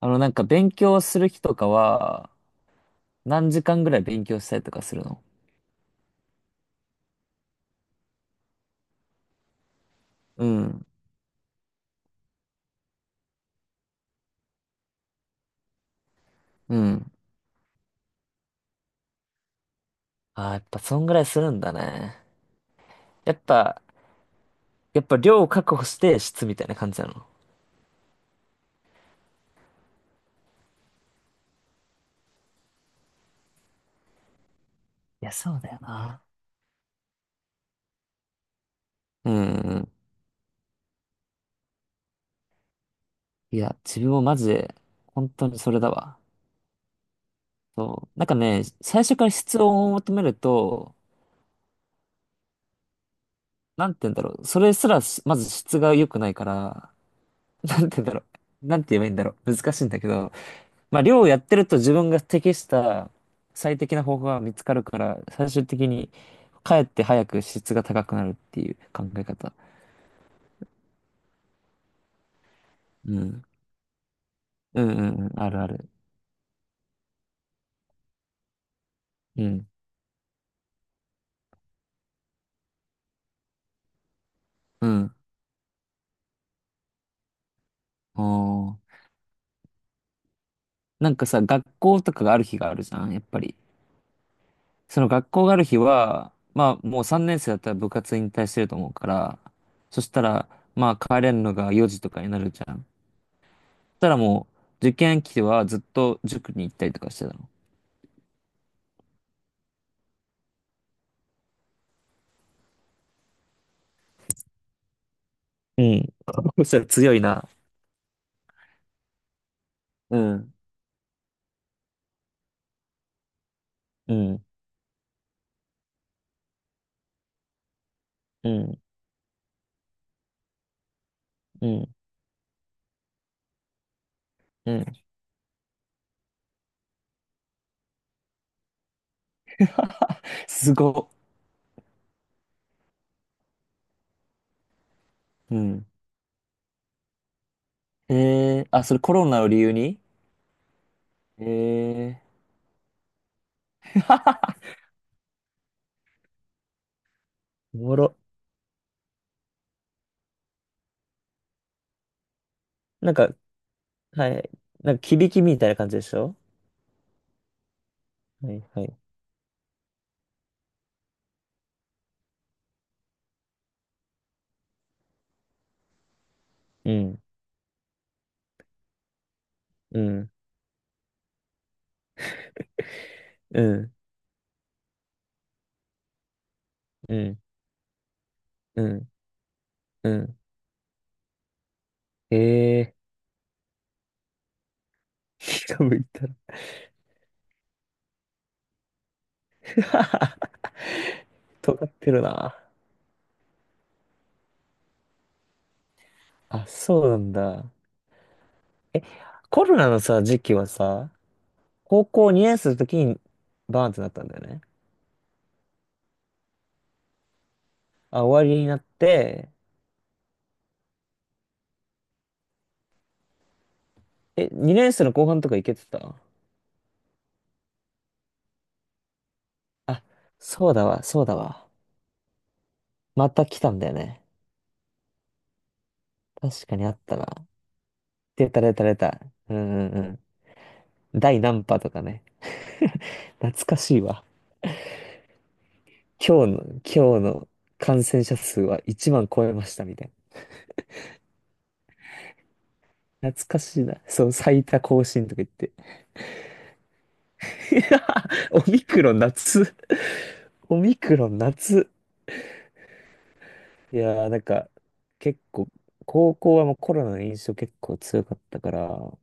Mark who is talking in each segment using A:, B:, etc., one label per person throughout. A: なんか勉強する日とかは、何時間ぐらい勉強したりとかするの？うん。うん。ああやっぱそんぐらいするんだね。やっぱ、やっぱ量を確保して質みたいな感じなの。いや、そうだよな。うんうん。いや、自分もマジで、本当にそれだわ。そう。なんかね、最初から質を求めると、なんて言うんだろう。それすらし、まず質が良くないから、なんて言うんだろう。なんて言えばいいんだろう。難しいんだけど、まあ、漁をやってると自分が適した最適な方法が見つかるから、最終的にかえって早く質が高くなるっていう考え方。うん。うんうんうん。あるある。うん。うん。おー。なんかさ、学校とかがある日があるじゃん、やっぱり。その学校がある日は、まあもう3年生だったら部活引退してると思うから、そしたら、まあ帰れるのが4時とかになるじゃん。そしたらもう受験期はずっと塾に行ったりとかしてたの。うん。そしたら強いな。うん、うん、うん、うん、うん。すごっ。うん。ええ、あ、それコロナを理由に？ええー。 おもろ。なんか、はい。なんか、響きみたいな感じでしょ？はい、はい。うん、うん、うん、うん、うん、うん。ええー。気が向いたら、尖ってるな。あ、そうなんだ。え、コロナのさ、時期はさ、高校2年生の時にバーンってなったんだよね。あ、終わりになって、え、2年生の後半とか行けてた？あ、そうだわ、そうだわ。また来たんだよね。確かにあったな。出た出た出た。うんうんうん。第何波とかね。懐かしいわ。今日の感染者数は1万超えましたみたいな。懐かしいな。そう、最多更新とか言って。いや、オミクロン夏。オミクロン夏。いやー、なんか、結構、高校はもうコロナの印象結構強かったから、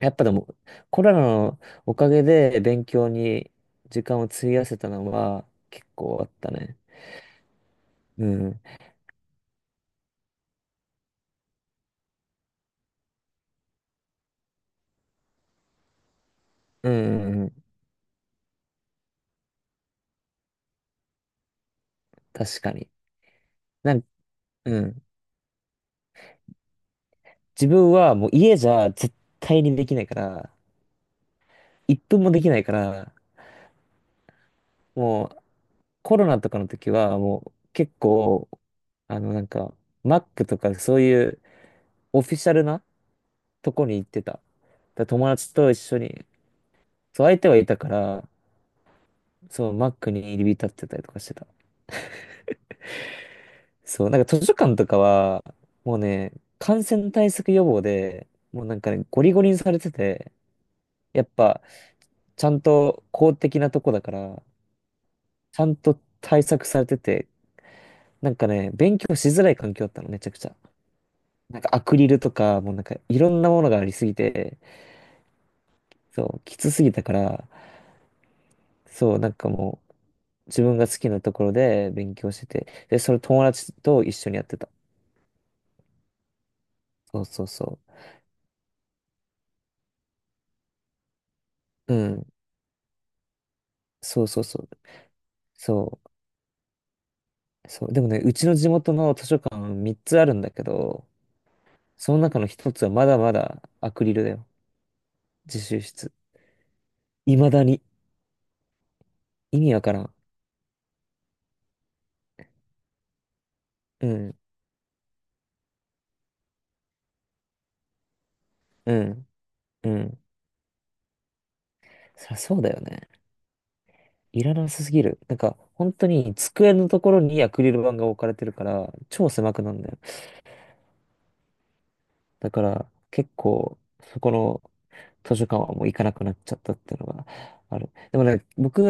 A: やっぱでも、コロナのおかげで勉強に時間を費やせたのは結構あったね。うん。うん、うんうん、確かに。なん、うん。自分はもう家じゃ絶対にできないから、一分もできないから、もうコロナとかの時はもう結構、なんか、Mac とかそういうオフィシャルなとこに行ってた。だから友達と一緒に、そう相手はいたから、そう Mac に入り浸ってたりとかしてた。そう、なんか図書館とかは、もうね、感染対策予防で、もうなんかね、ゴリゴリにされてて、やっぱ、ちゃんと公的なとこだから、ちゃんと対策されてて、なんかね、勉強しづらい環境だったの、めちゃくちゃ。なんかアクリルとか、もうなんかいろんなものがありすぎて、そう、きつすぎたから、そう、なんかもう、自分が好きなところで勉強してて、で、それ友達と一緒にやってた。そうそうそう。うん、そうそうそう。そう。そう、でもね、うちの地元の図書館3つあるんだけど、その中の1つはまだまだアクリルだよ。自習室。未だに。意味わからん。うん、うん、うん。そりゃそうだよね。いらなさすぎる。なんか、本当に机のところにアクリル板が置かれてるから、超狭くなんだよ。だから、結構、そこの図書館はもう行かなくなっちゃったっていうのがある。でもね、僕、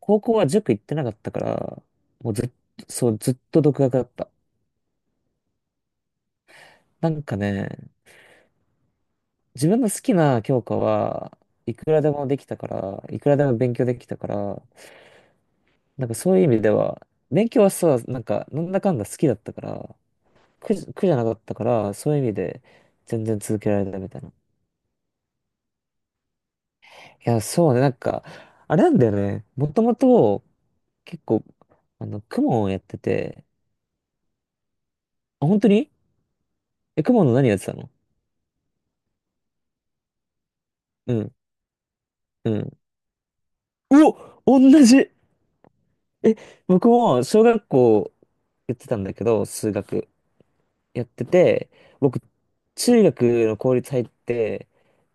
A: 高校は塾行ってなかったから、もうずっと、そう、ずっと独学だった。なんかね、自分の好きな教科はいくらでもできたから、いくらでも勉強できたから、なんかそういう意味では、勉強はさ、なんかなんだかんだ好きだったから、苦じゃなかったから、そういう意味で全然続けられたみたいな。いや、そうね、なんか、あれなんだよね。もともと結構、公文をやってて、あ、本当に？え、クモンの何やってたの？うん、うん。お、同じ。え、僕も小学校やってたんだけど、数学。やってて、僕、中学の公立入って、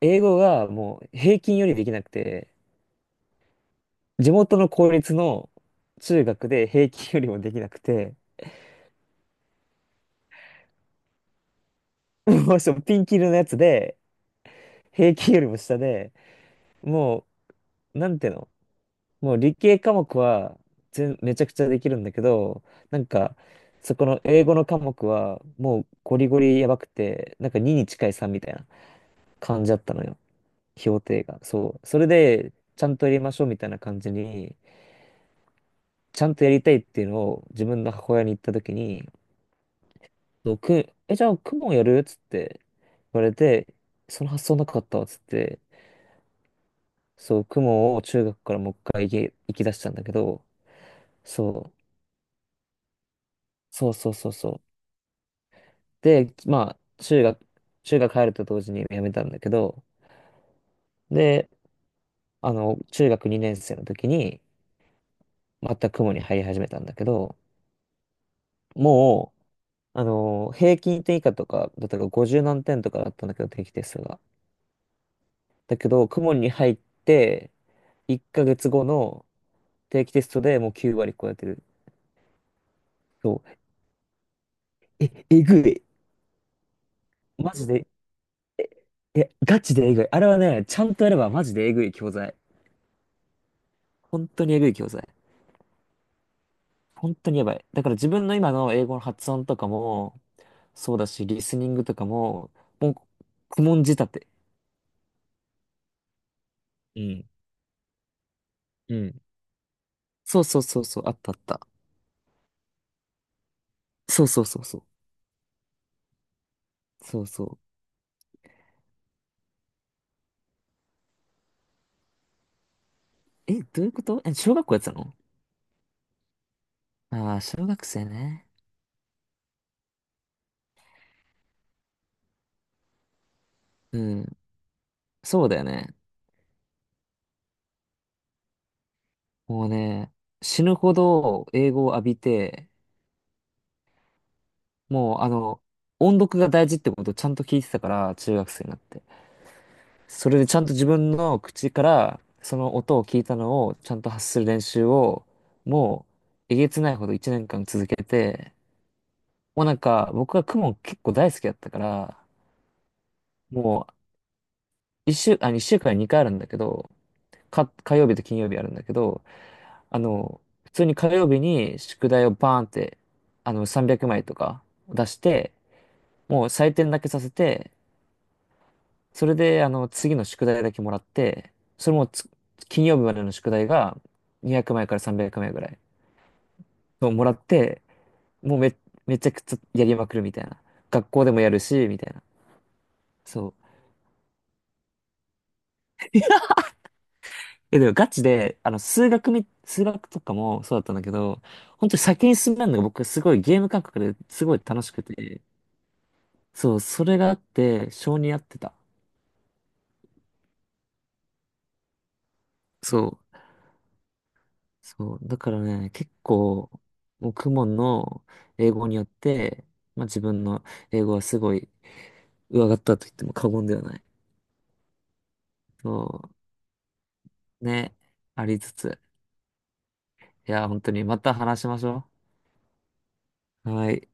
A: 英語がもう平均よりできなくて、地元の公立の中学で平均よりもできなくて、もうそうピンキリのやつで、平均よりも下で、もう、なんていうの、もう理系科目はめちゃくちゃできるんだけど、なんか、そこの英語の科目はもうゴリゴリやばくて、なんか2に近い3みたいな感じだったのよ。評定が。そう。それで、ちゃんとやりましょうみたいな感じに、ちゃんとやりたいっていうのを自分の母親に言ったときに、そうく、え、じゃあ、公文やるっつって言われて、その発想なかったわっつって、そう、公文を中学からもう一回行き出したんだけど、そう、そうそうそうそう。で、まあ、中学入ると同時に辞めたんだけど、で、中学2年生の時に、また公文に入り始めたんだけど、もう、平均点以下とか、だったら50何点とかだったんだけど、定期テストが。だけど、公文に入って、1ヶ月後の定期テストでもう9割超えてる。そう。え、えぐい。マジで、え、ガチでえぐい。あれはね、ちゃんとやればマジでえぐい教材。本当にえぐい教材。本当にやばい。だから自分の今の英語の発音とかも、そうだし、リスニングとかも、もう、公文仕立て。うん。うん。そうそうそうそう、あったあった。そうそうそうそう。そうそう。え、どういうこと？え、小学校やってたの？ああー、小学生ね。うん。そうだよね。もうね、死ぬほど英語を浴びて、もう音読が大事ってことをちゃんと聞いてたから、中学生になって。それでちゃんと自分の口から、その音を聞いたのをちゃんと発する練習を、もう、えげつないほど1年間続けて、もうなんか、僕は公文結構大好きだったから、もう、一週間に2回あるんだけど、火曜日と金曜日あるんだけど、普通に火曜日に宿題をバーンって、300枚とか出して、もう採点だけさせて、それで、次の宿題だけもらって、それもつ金曜日までの宿題が200枚から300枚ぐらいをもらって、もうめちゃくちゃやりまくるみたいな。学校でもやるし、みたいな。そう。え、でもガチで、数学とかもそうだったんだけど、本当に先に進めるのが僕すごいゲーム感覚ですごい楽しくて、そう、それがあって、性に合ってた。そう。そう、だからね、結構、もうクモンの英語によって、まあ自分の英語はすごい上がったと言っても過言ではない。そう、ね、ありつつ。いや、本当にまた話しましょう。はい。